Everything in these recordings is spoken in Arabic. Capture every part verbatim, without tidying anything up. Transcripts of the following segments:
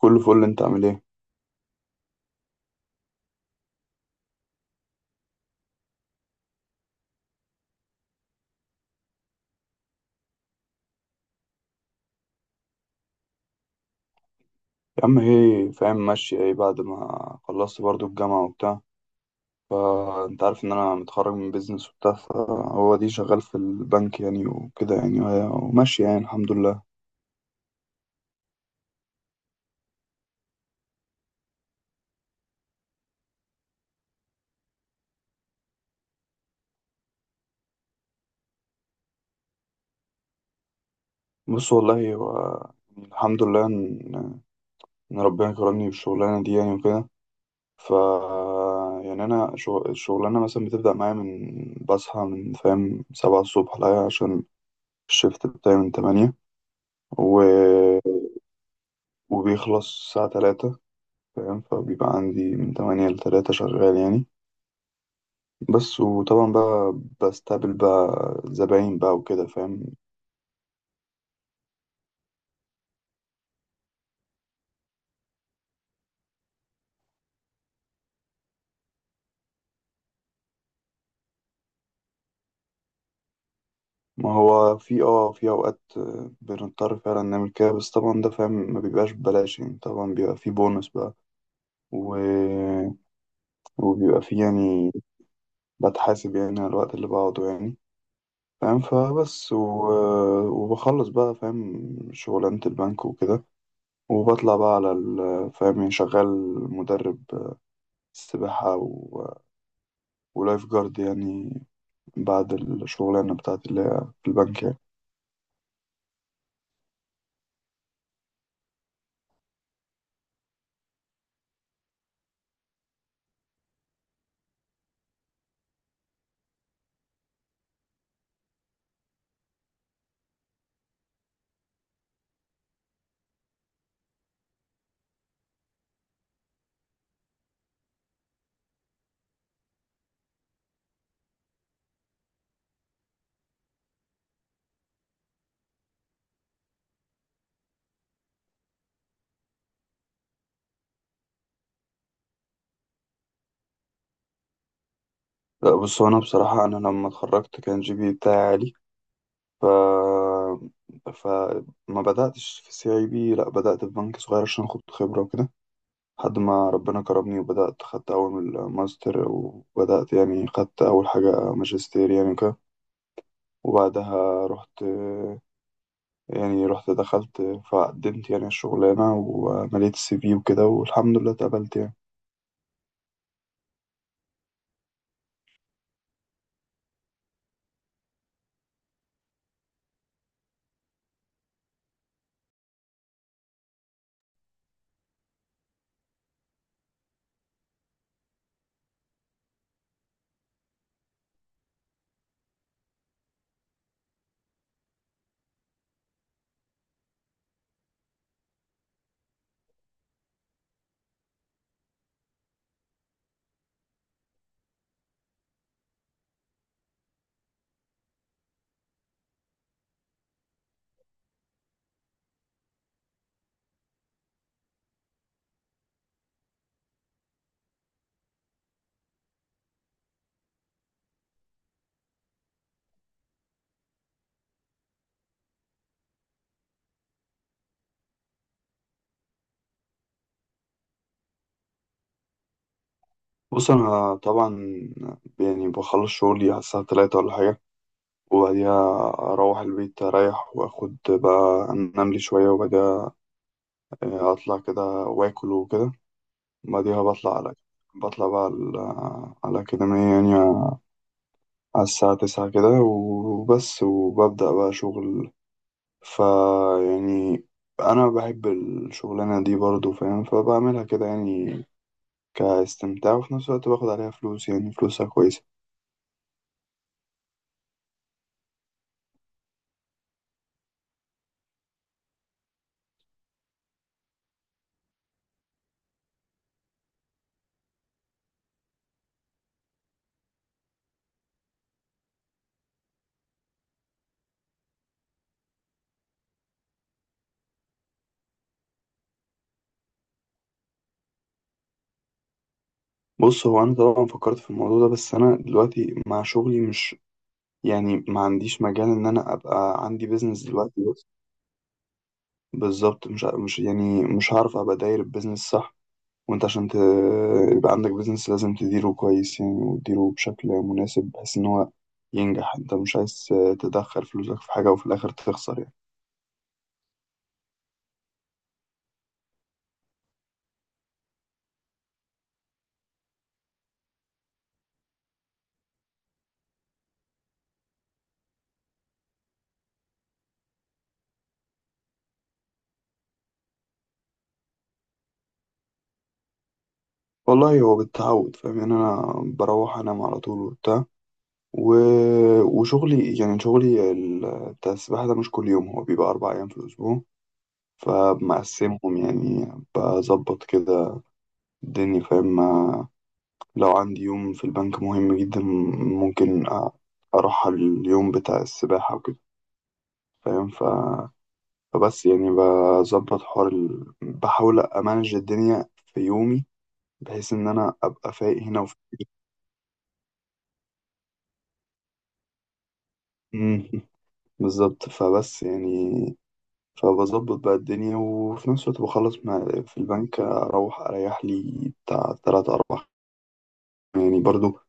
كله فل، انت عامل ايه؟ يا عم ايه فاهم ماشي. ايه بعد ما خلصت برضو الجامعة وبتاع، فانت عارف ان انا متخرج من بيزنس وبتاع، فهو دي شغال في البنك يعني وكده يعني وهي- وماشي يعني الحمد لله. بص والله هو، الحمد لله ان ان ربنا كرمني بالشغلانة دي يعني وكده. ف يعني انا شغ- الشغلانة مثلا بتبدأ معايا من بصحى من فاهم سبعة الصبح، لا عشان الشيفت بتاعي من تمانية. و... وبيخلص الساعة تلاتة فاهم، فبيبقى عندي من تمانية لتلاتة شغال يعني بس. وطبعا بقى بستقبل بقى زباين بقى وكده فاهم. ما هو في، اه في اوقات، آه، بنضطر فعلا نعمل كده. بس طبعا ده فاهم ما بيبقاش ببلاش يعني، طبعا بيبقى في بونص بقى. و... وبيبقى في يعني، بتحاسب يعني على الوقت اللي بقعده يعني فاهم. فبس و... وبخلص بقى فاهم شغلانة البنك وكده. وبطلع بقى على ال... فاهم، يعني شغال مدرب سباحة و... ولايف جارد يعني، بعد الشغلانة بتاعتي اللي هي في البنك يعني. لا بص هو، أنا بصراحة أنا لما اتخرجت كان جي بي بتاعي عالي. ف فما بدأتش في سي اي بي، لا بدأت في بنك صغير عشان أخد خبرة وكده، لحد ما ربنا كرمني وبدأت خدت أول ماستر، وبدأت يعني خدت أول حاجة ماجستير يعني وكده. وبعدها رحت، يعني رحت دخلت، فقدمت يعني الشغلانة ومليت السي في وكده، والحمد لله اتقبلت يعني. بص انا طبعا يعني بخلص شغلي على الساعه تلاتة ولا حاجه، وبعديها اروح البيت اريح واخد بقى انام لي شويه، وبعديها اطلع كده واكل وكده، وبعديها بطلع على بطلع بقى على على الأكاديمية يعني، على الساعة تسعة كده وبس، وببدأ بقى شغل. فا يعني أنا بحب الشغلانة دي برضو فاهم، فبعملها كده يعني كاستمتاع، وفي نفس الوقت باخد عليها فلوس، يعني فلوسها كويسة. بص هو انا طبعا فكرت في الموضوع ده، بس انا دلوقتي مع شغلي مش يعني ما عنديش مجال ان انا ابقى عندي بيزنس دلوقتي بس. بالظبط، مش مش يعني مش هعرف ابقى داير البيزنس صح. وانت عشان ت- يبقى عندك بيزنس لازم تديره كويس يعني، وتديره بشكل مناسب بحيث ان هو ينجح. انت مش عايز تدخل فلوسك في حاجة وفي الاخر تخسر يعني. والله هو بالتعود فاهم يعني، انا بروح انام على طول وبتاع. و... وشغلي يعني شغلي ال- بتاع السباحة ده مش كل يوم، هو بيبقى أربع أيام في الأسبوع، فبمقسمهم يعني. بظبط كده الدنيا فاهم، ما- لو عندي يوم في البنك مهم جدا ممكن أ- أروح على اليوم بتاع السباحة وكده فاهم. ف... فبس يعني بظبط حوار ال... بحاول أمانج الدنيا في يومي، بحيث إن أنا أبقى فايق هنا وفايق. بالظبط، فبس يعني فبظبط بقى الدنيا، وفي نفس الوقت بخلص مع في البنك أروح أريح لي بتاع تلات أربع يعني برضو،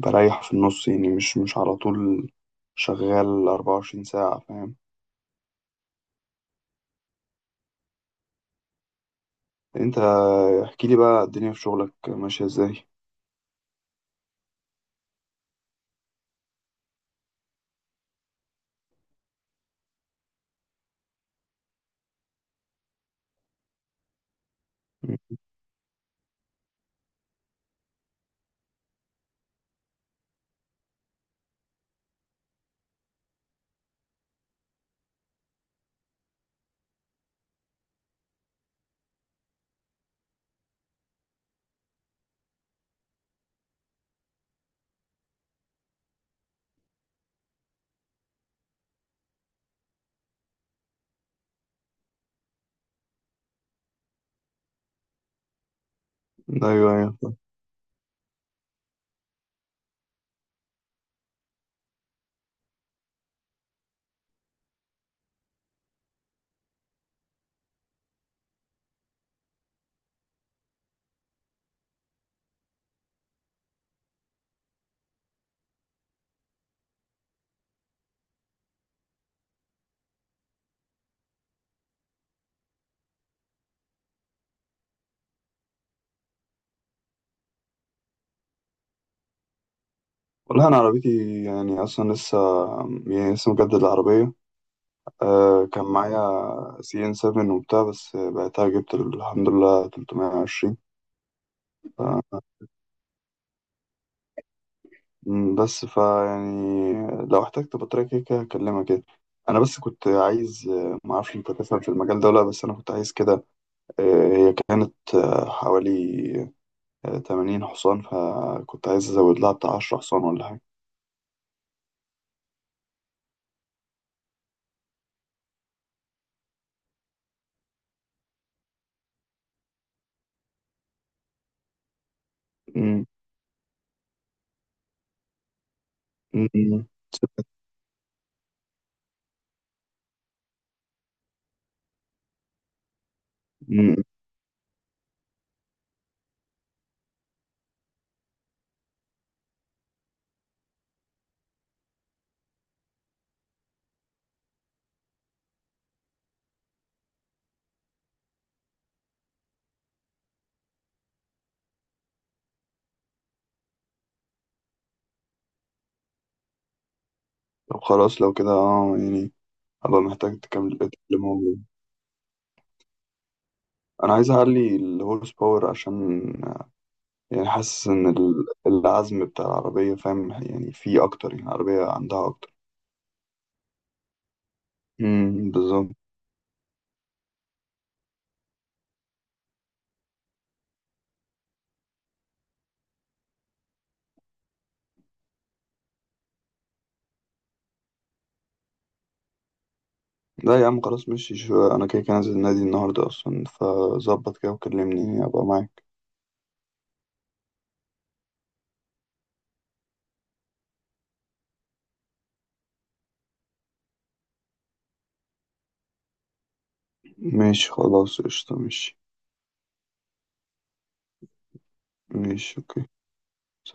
بريح في النص يعني، مش مش على طول شغال أربعة وعشرين ساعة فاهم. أنت احكي لي بقى الدنيا في شغلك ماشية إزاي؟ أيوه، أيوه. والله أنا عربيتي يعني أصلا لسه، يعني لسه مجدد العربية. أه كان معايا سي إن سفن وبتاع، بس بعتها جبت الحمد لله تلتمية وعشرين. مم. بس فا يعني لو احتجت بطارية كده كده هكلمك كده. انا بس كنت عايز آه، ما اعرفش انت تفهم في المجال ده ولا لأ، بس انا كنت عايز كده. آه، هي كانت آه، حوالي آه، ثمانين حصان، فكنت عايز ازود لها بتاع عشرة حصان ولا حاجة. مم، مم، مم. طب خلاص، لو كده اه يعني هبقى محتاج تكمل اللي موجود. انا عايز اعلي الهورس باور، عشان آه، يعني حاسس ان ال- العزم بتاع العربية فاهم، يعني فيه اكتر، يعني العربية عندها اكتر. امم، بالظبط. لا يا عم، خلاص ماشي. شو انا كده كده نازل النادي النهارده اصلا، فظبط كده وكلمني ابقى معاك. ماشي خلاص، قشطة، ماشي. ماشي، اوكي.